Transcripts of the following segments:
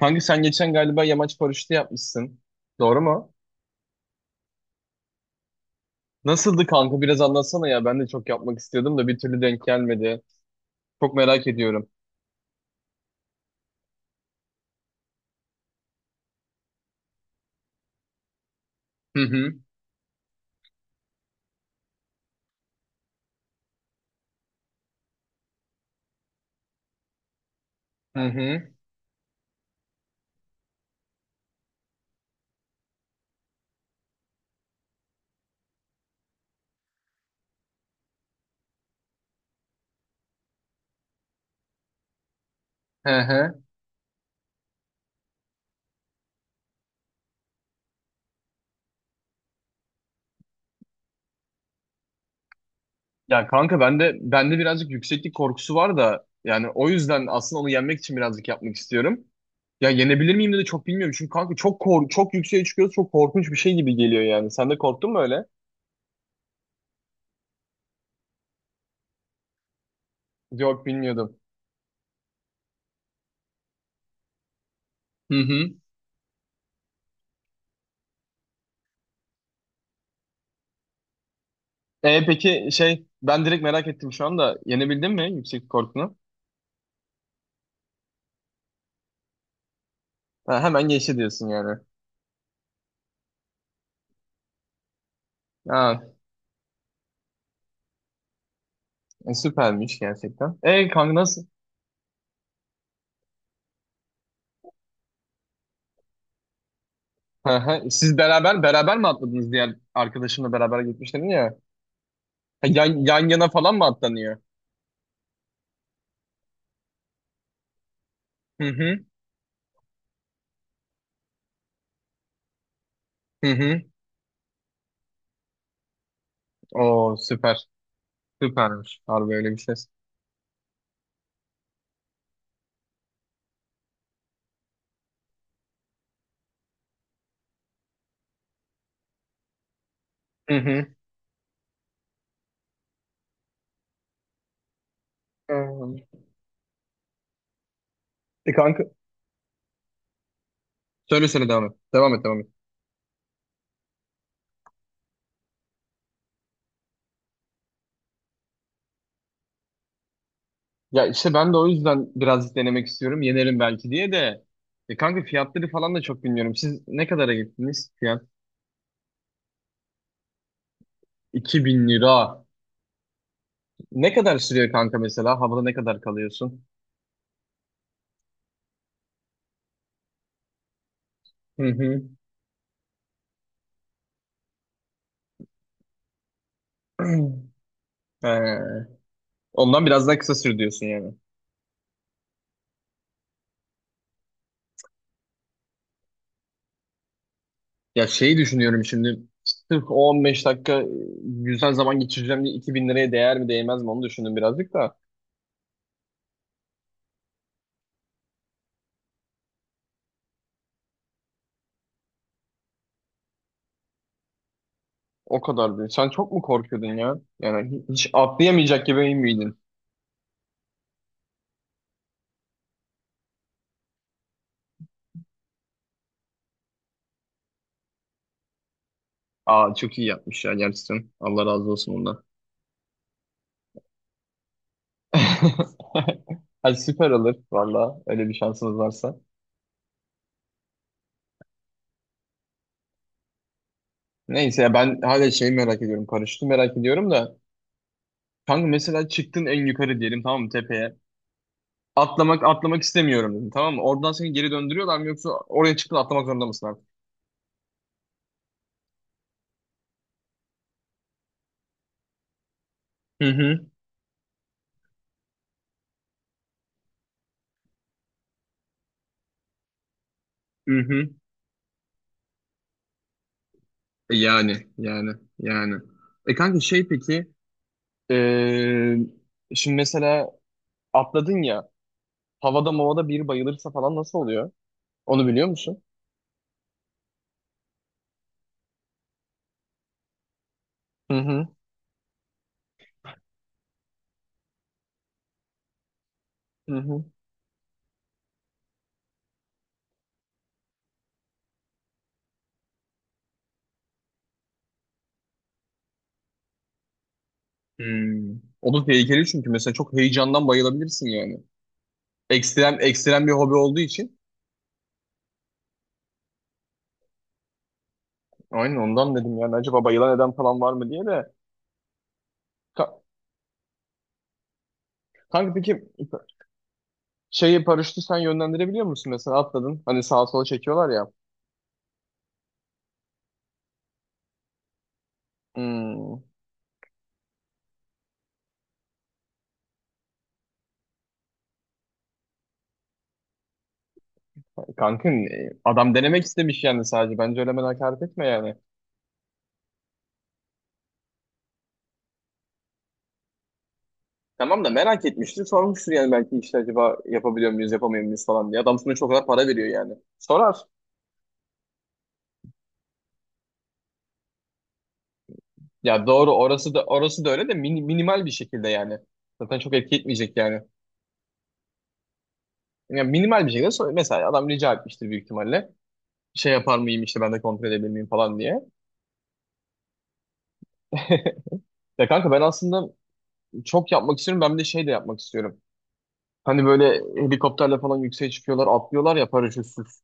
Kanka sen geçen galiba yamaç paraşütü yapmışsın. Doğru mu? Nasıldı kanka? Biraz anlatsana ya. Ben de çok yapmak istiyordum da bir türlü denk gelmedi. Çok merak ediyorum. Hı hı. Hı hı. Hı hı. Ya kanka bende birazcık yükseklik korkusu var da yani o yüzden aslında onu yenmek için birazcık yapmak istiyorum. Ya yenebilir miyim de çok bilmiyorum. Çünkü kanka çok çok yükseğe çıkıyoruz. Çok korkunç bir şey gibi geliyor yani. Sen de korktun mu öyle? Yok bilmiyordum. Hı hı. E peki ben direkt merak ettim şu anda. Yenebildin mi yükseklik korkunu? Ha, hemen geçti diyorsun yani. Ha, süpermiş gerçekten. E kanka nasıl? Ha, ha. Siz beraber mi atladınız? Diğer arkadaşımla beraber gitmiştin ya. Ha, yan yana falan mı atlanıyor? Hı hı. Hı hı. Oo, süper. Süpermiş. Harbi öyle bir şey. Hı hı. Hmm. E kanka söyle söyle, devam et. Devam et devam et. Ya işte ben de o yüzden birazcık denemek istiyorum. Yenerim belki diye de. E kanka fiyatları falan da çok bilmiyorum. Siz ne kadara gittiniz, fiyat? 2.000 lira. Ne kadar sürüyor kanka mesela? Havada ne kadar kalıyorsun? Hı hı. Ee, ondan biraz daha kısa sür diyorsun yani. Ya şeyi düşünüyorum şimdi. Sırf o 15 dakika güzel zaman geçireceğim diye 2.000 liraya değer mi değmez mi onu düşündüm birazcık da. O kadar değil. Sen çok mu korkuyordun ya? Yani hiç atlayamayacak gibi emin miydin? Aa, çok iyi yapmış ya gerçekten. Allah razı olsun ondan. Hadi süper olur valla, öyle bir şansınız varsa. Neyse ya, ben hala şeyi merak ediyorum. Paraşütü merak ediyorum da. Kanka mesela çıktın en yukarı, diyelim tamam mı, tepeye. Atlamak istemiyorum dedim, tamam mı? Oradan seni geri döndürüyorlar mı, yoksa oraya çıktın atlamak zorunda mısın artık? Hı hı. Hı hı. E, yani. E kanka şey peki, eee, şimdi mesela atladın ya, havada mavada biri bayılırsa falan nasıl oluyor? Onu biliyor musun? Hı hı. Hı hı. Hmm. O da tehlikeli çünkü mesela çok heyecandan bayılabilirsin yani. Ekstrem bir hobi olduğu için. Aynen ondan dedim, yani acaba bayılan eden falan var mı diye de. Kanka peki paraşütü sen yönlendirebiliyor musun? Mesela atladın. Hani sağa sola çekiyorlar ya. Hmm, kanka adam denemek istemiş yani sadece. Bence öyle hemen hakaret etme yani. Tamam da merak etmiştir. Sormuştur yani, belki işte acaba yapabiliyor muyuz, yapamıyor muyuz falan diye. Adam sonuçta o kadar para veriyor yani. Sorar. Ya doğru, orası da, orası da öyle de minimal bir şekilde yani. Zaten çok etki etmeyecek yani. Yani minimal bir şekilde sor. Mesela adam rica etmiştir büyük ihtimalle. Şey yapar mıyım işte, ben de kontrol edebilir miyim falan diye. Ya kanka ben aslında çok yapmak istiyorum. Ben bir de şey de yapmak istiyorum. Hani böyle helikopterle falan yükseğe çıkıyorlar, atlıyorlar ya, paraşütsüz.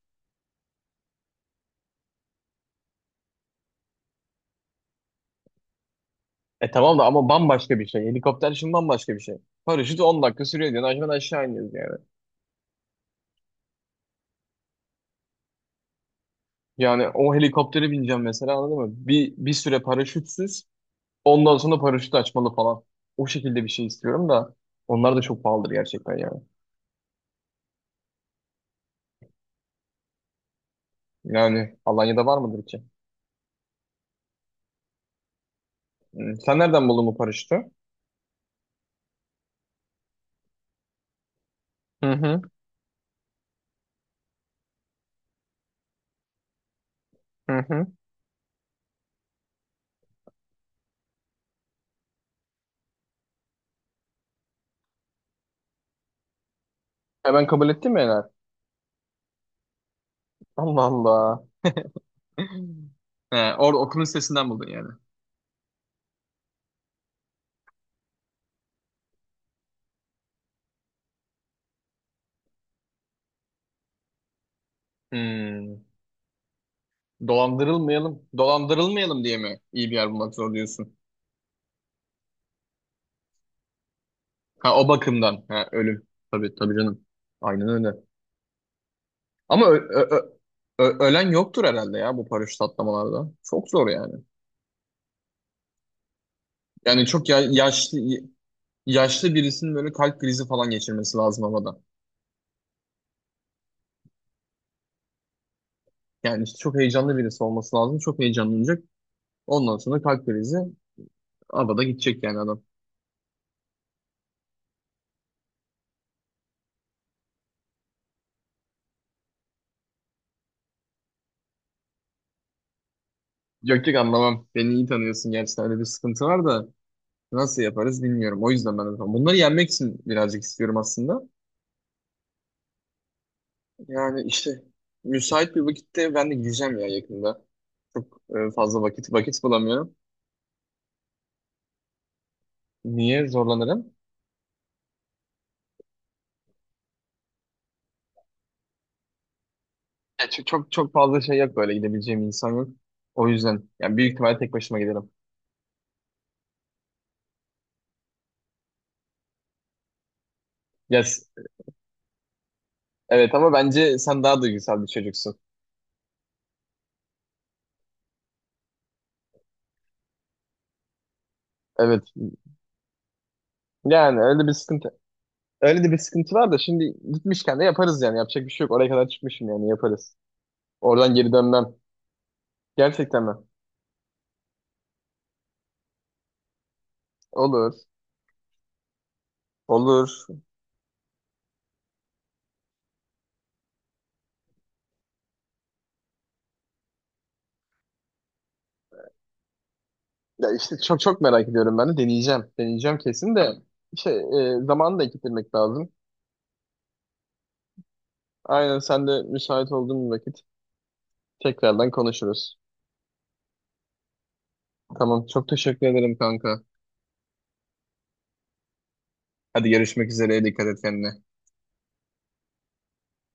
E tamam da, ama bambaşka bir şey. Helikopter şimdi bambaşka bir şey. Paraşüt 10 dakika sürüyor diyorsun. Hemen aşağı iniyoruz yani. Yani o helikoptere bineceğim mesela, anladın mı? Bir süre paraşütsüz. Ondan sonra paraşütü açmalı falan. O şekilde bir şey istiyorum da. Onlar da çok pahalıdır gerçekten yani. Yani Alanya'da var mıdır ki? Hmm, sen nereden buldun bu paraşütü? Hı hı hı hı. Hemen kabul ettin mi Ener? Allah Allah. He, orada okulun sitesinden buldun yani. Hmm. Dolandırılmayalım. Dolandırılmayalım diye mi iyi bir yer bulmak zor diyorsun? Ha, o bakımdan. Ha, ölüm. Tabii tabii canım. Aynen öyle. Ama ölen yoktur herhalde ya, bu paraşüt atlamalarda. Çok zor yani. Yani çok yaşlı yaşlı birisinin böyle kalp krizi falan geçirmesi lazım havada. Yani işte çok heyecanlı birisi olması lazım. Çok heyecanlanacak. Ondan sonra kalp krizi havada gidecek yani adam. Yok yok, anlamam. Beni iyi tanıyorsun gerçekten, öyle bir sıkıntı var da. Nasıl yaparız bilmiyorum. O yüzden ben de bunları yenmek için birazcık istiyorum aslında. Yani işte müsait bir vakitte ben de gideceğim ya yakında. Çok fazla vakit bulamıyorum. Niye zorlanırım? Ya çok çok fazla şey yok, böyle gidebileceğim insan yok. O yüzden yani büyük ihtimalle tek başıma giderim. Yes. Evet ama bence sen daha duygusal bir çocuksun. Evet. Yani öyle bir sıkıntı. Öyle de bir sıkıntı var da, şimdi gitmişken de yaparız yani. Yapacak bir şey yok. Oraya kadar çıkmışım, yani yaparız. Oradan geri dönmem. Gerçekten mi? Olur. Olur. Ya işte çok çok merak ediyorum ben de. Deneyeceğim. Deneyeceğim kesin de. İşte zamanı da ekittirmek lazım. Aynen, sen de müsait olduğun bir vakit tekrardan konuşuruz. Tamam. Çok teşekkür ederim kanka. Hadi görüşmek üzere. Dikkat et kendine.